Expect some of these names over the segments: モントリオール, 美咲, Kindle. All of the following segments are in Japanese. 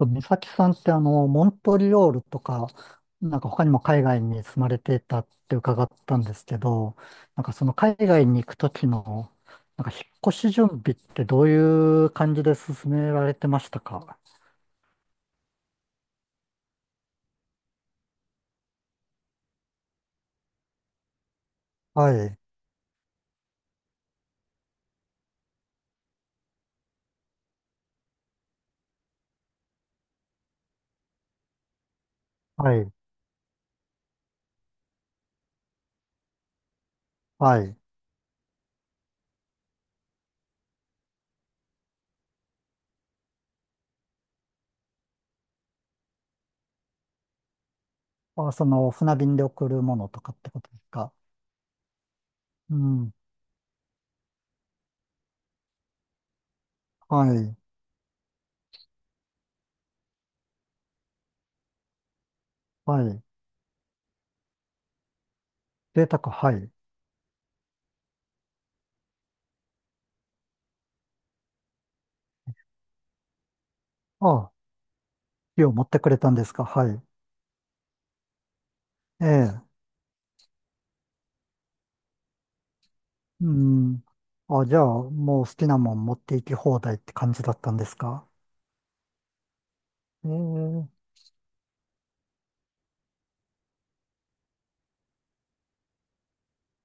美咲さんってモントリオールとか、なんか他にも海外に住まれていたって伺ったんですけど、なんかその海外に行くときの、なんか引っ越し準備ってどういう感じで進められてましたか？はい、はい、はい。あ、その船便で送るものとかってことですか？うん、はい、はい。贅沢、はい。あ、火を持ってくれたんですか？はい。ええ、うん。あ、じゃあ、もう好きなもん持って行き放題って感じだったんですか？ええ、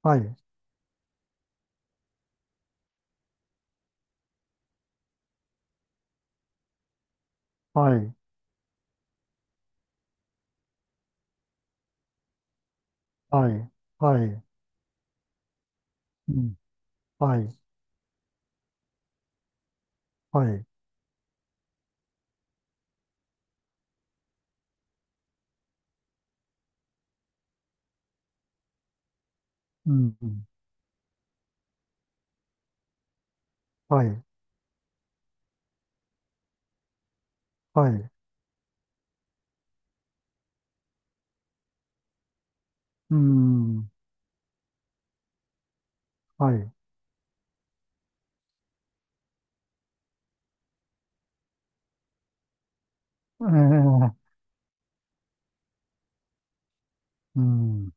はい、はい、はい、はい、うん、はい、はい、うん、はい、はい、うん、はい、ええ、うん、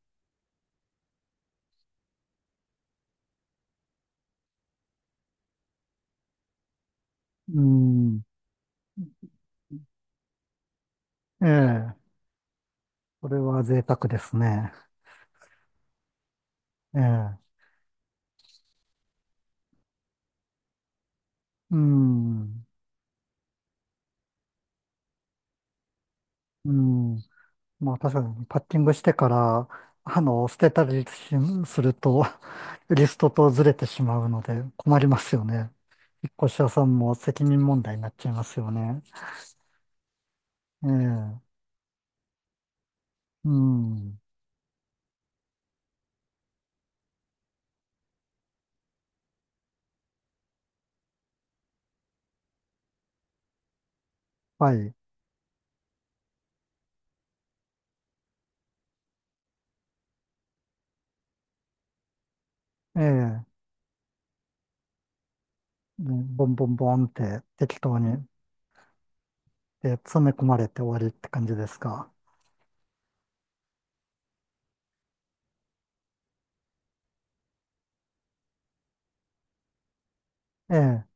うん、ええ、これは贅沢ですね。ええ、うん、うん、まあ確かにパッティングしてから、捨てたりすると、リストとずれてしまうので困りますよね。引っ越し屋さんも責任問題になっちゃいますよね。ええ、うん、はい、ええ、ね、ボンボンボンって適当に、で、詰め込まれて終わりって感じですか。ええ、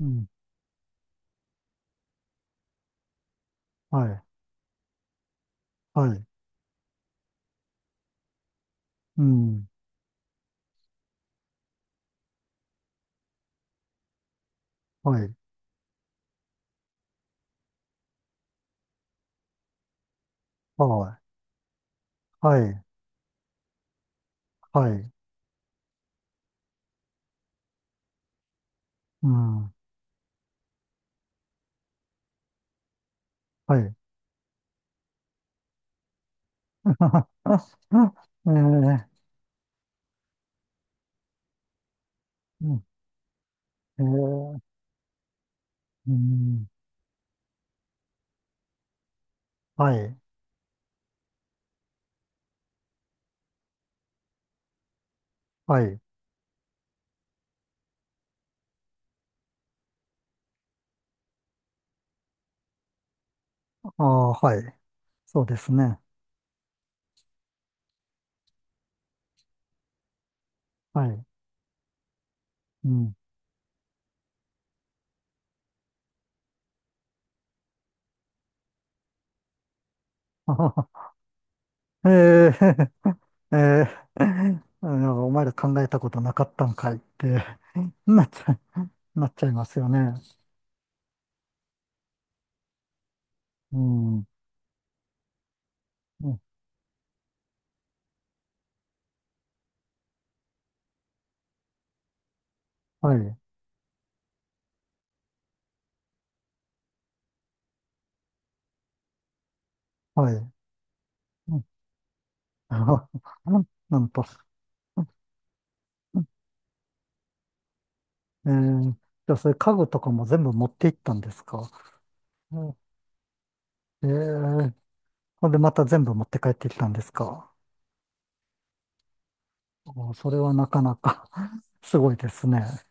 うん、はい、はい、うん、はい、はい、はい、はい、うん、はい。ええ、うん、ええ、うん、はい、はい、ああ、はい、そうですね。はい、うん。あはは、ええ、ええ、 なんかお前ら考えたことなかったんかいって、 なっちゃ、なっちゃいますよね。うん、うん、はい、はい。うん、 なんと、ええ、じゃあそういう家具とかも全部持って行ったんですか？うん、ええ、ほんでまた全部持って帰ってきたんですか？お、それはなかなか、 すごいですね。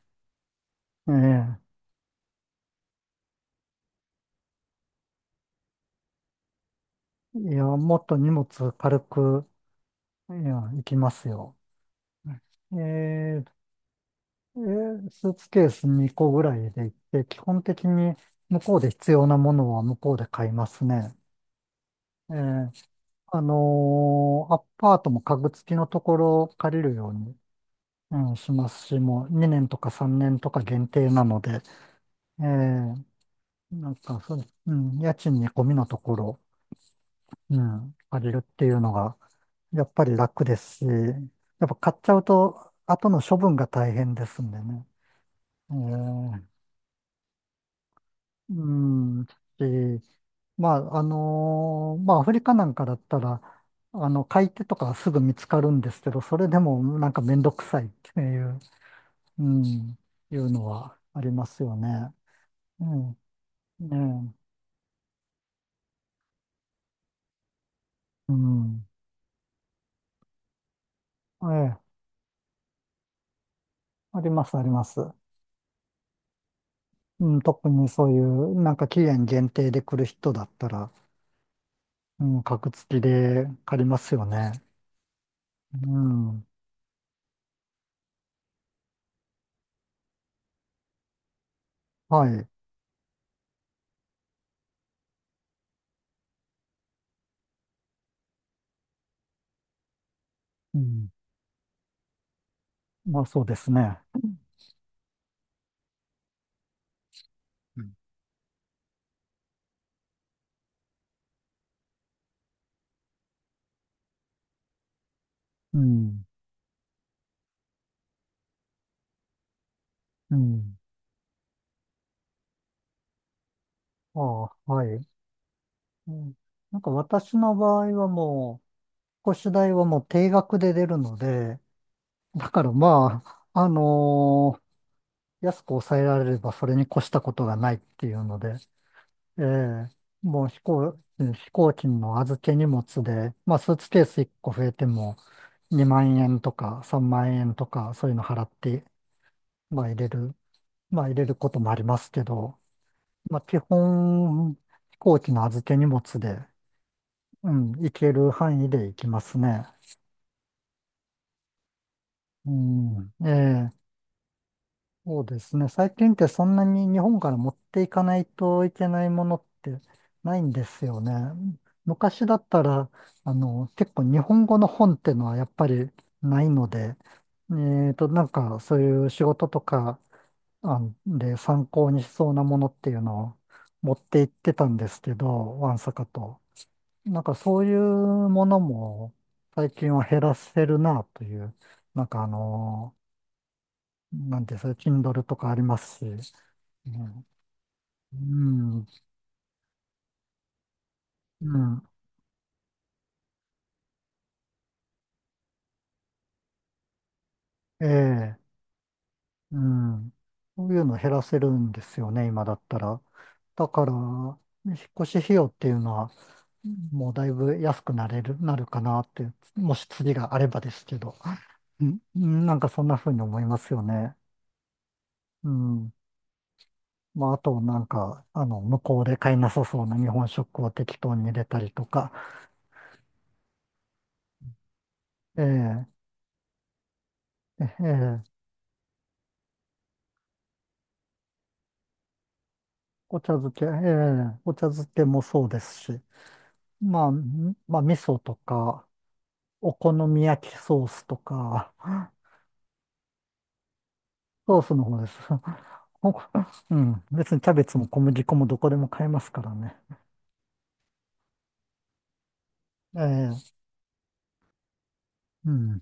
ええ。いや、もっと荷物軽く、いや、行きますよ。ええ、ええ、スーツケース2個ぐらいで行って、基本的に向こうで必要なものは向こうで買いますね。ええ、アパートも家具付きのところを借りるように、うん、しますし、もう2年とか3年とか限定なので、ええ、なんかそう、うん、家賃に込みのところ、うん、借りるっていうのが、やっぱり楽ですし、やっぱ買っちゃうと、後の処分が大変ですんでね。えーうん、し、まあ、まあ、アフリカなんかだったら、買い手とかすぐ見つかるんですけど、それでもなんかめんどくさいっていう、うん、いうのはありますよね。うん、ねえ、うん。ええ、あります、あります。うん、特にそういう、なんか期限限定で来る人だったら、うん、格付きで借りますよね。うん。はい。うん。まあそうですね。うん、うん。うん。ああ、はい。うん、なんか私の場合はもう、越し代はもう定額で出るので、だからまあ、安く抑えられればそれに越したことがないっていうので、ええ、もう飛行機の預け荷物で、まあスーツケース1個増えても2万円とか3万円とかそういうの払ってまあ入れる、まあ入れることもありますけど、まあ基本、飛行機の預け荷物で、うん、行ける範囲で行きますね。うん、ええ、そうですね。最近ってそんなに日本から持っていかないといけないものってないんですよね。昔だったら、結構日本語の本ってのはやっぱりないので、なんかそういう仕事とか案で参考にしそうなものっていうのを持って行ってたんですけど、ワンサカと。なんかそういうものも最近は減らせるなという、なんかなんていうんですか、Kindle とかありますし、うん、うん、うん、ええ、うん。そういうの減らせるんですよね、今だったら。だから、引っ越し費用っていうのは、もうだいぶ安くなれる、なるかなって、もし次があればですけど。うん、うん、なんかそんな風に思いますよね。うん。まあ、あとなんか、向こうで買いなさそうな日本食を適当に入れたりとか、ええ、ええ、お茶漬け、ええ、お茶漬けもそうですし、まあ、味噌とか、お好み焼きソースとか、ソースの方です。お、うん、別にキャベツも小麦粉もどこでも買えますからね。ええ、うん。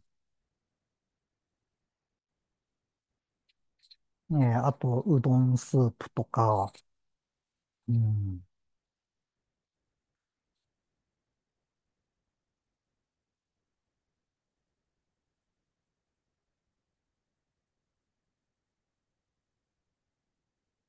ええ、あと、うどんスープとか、うん。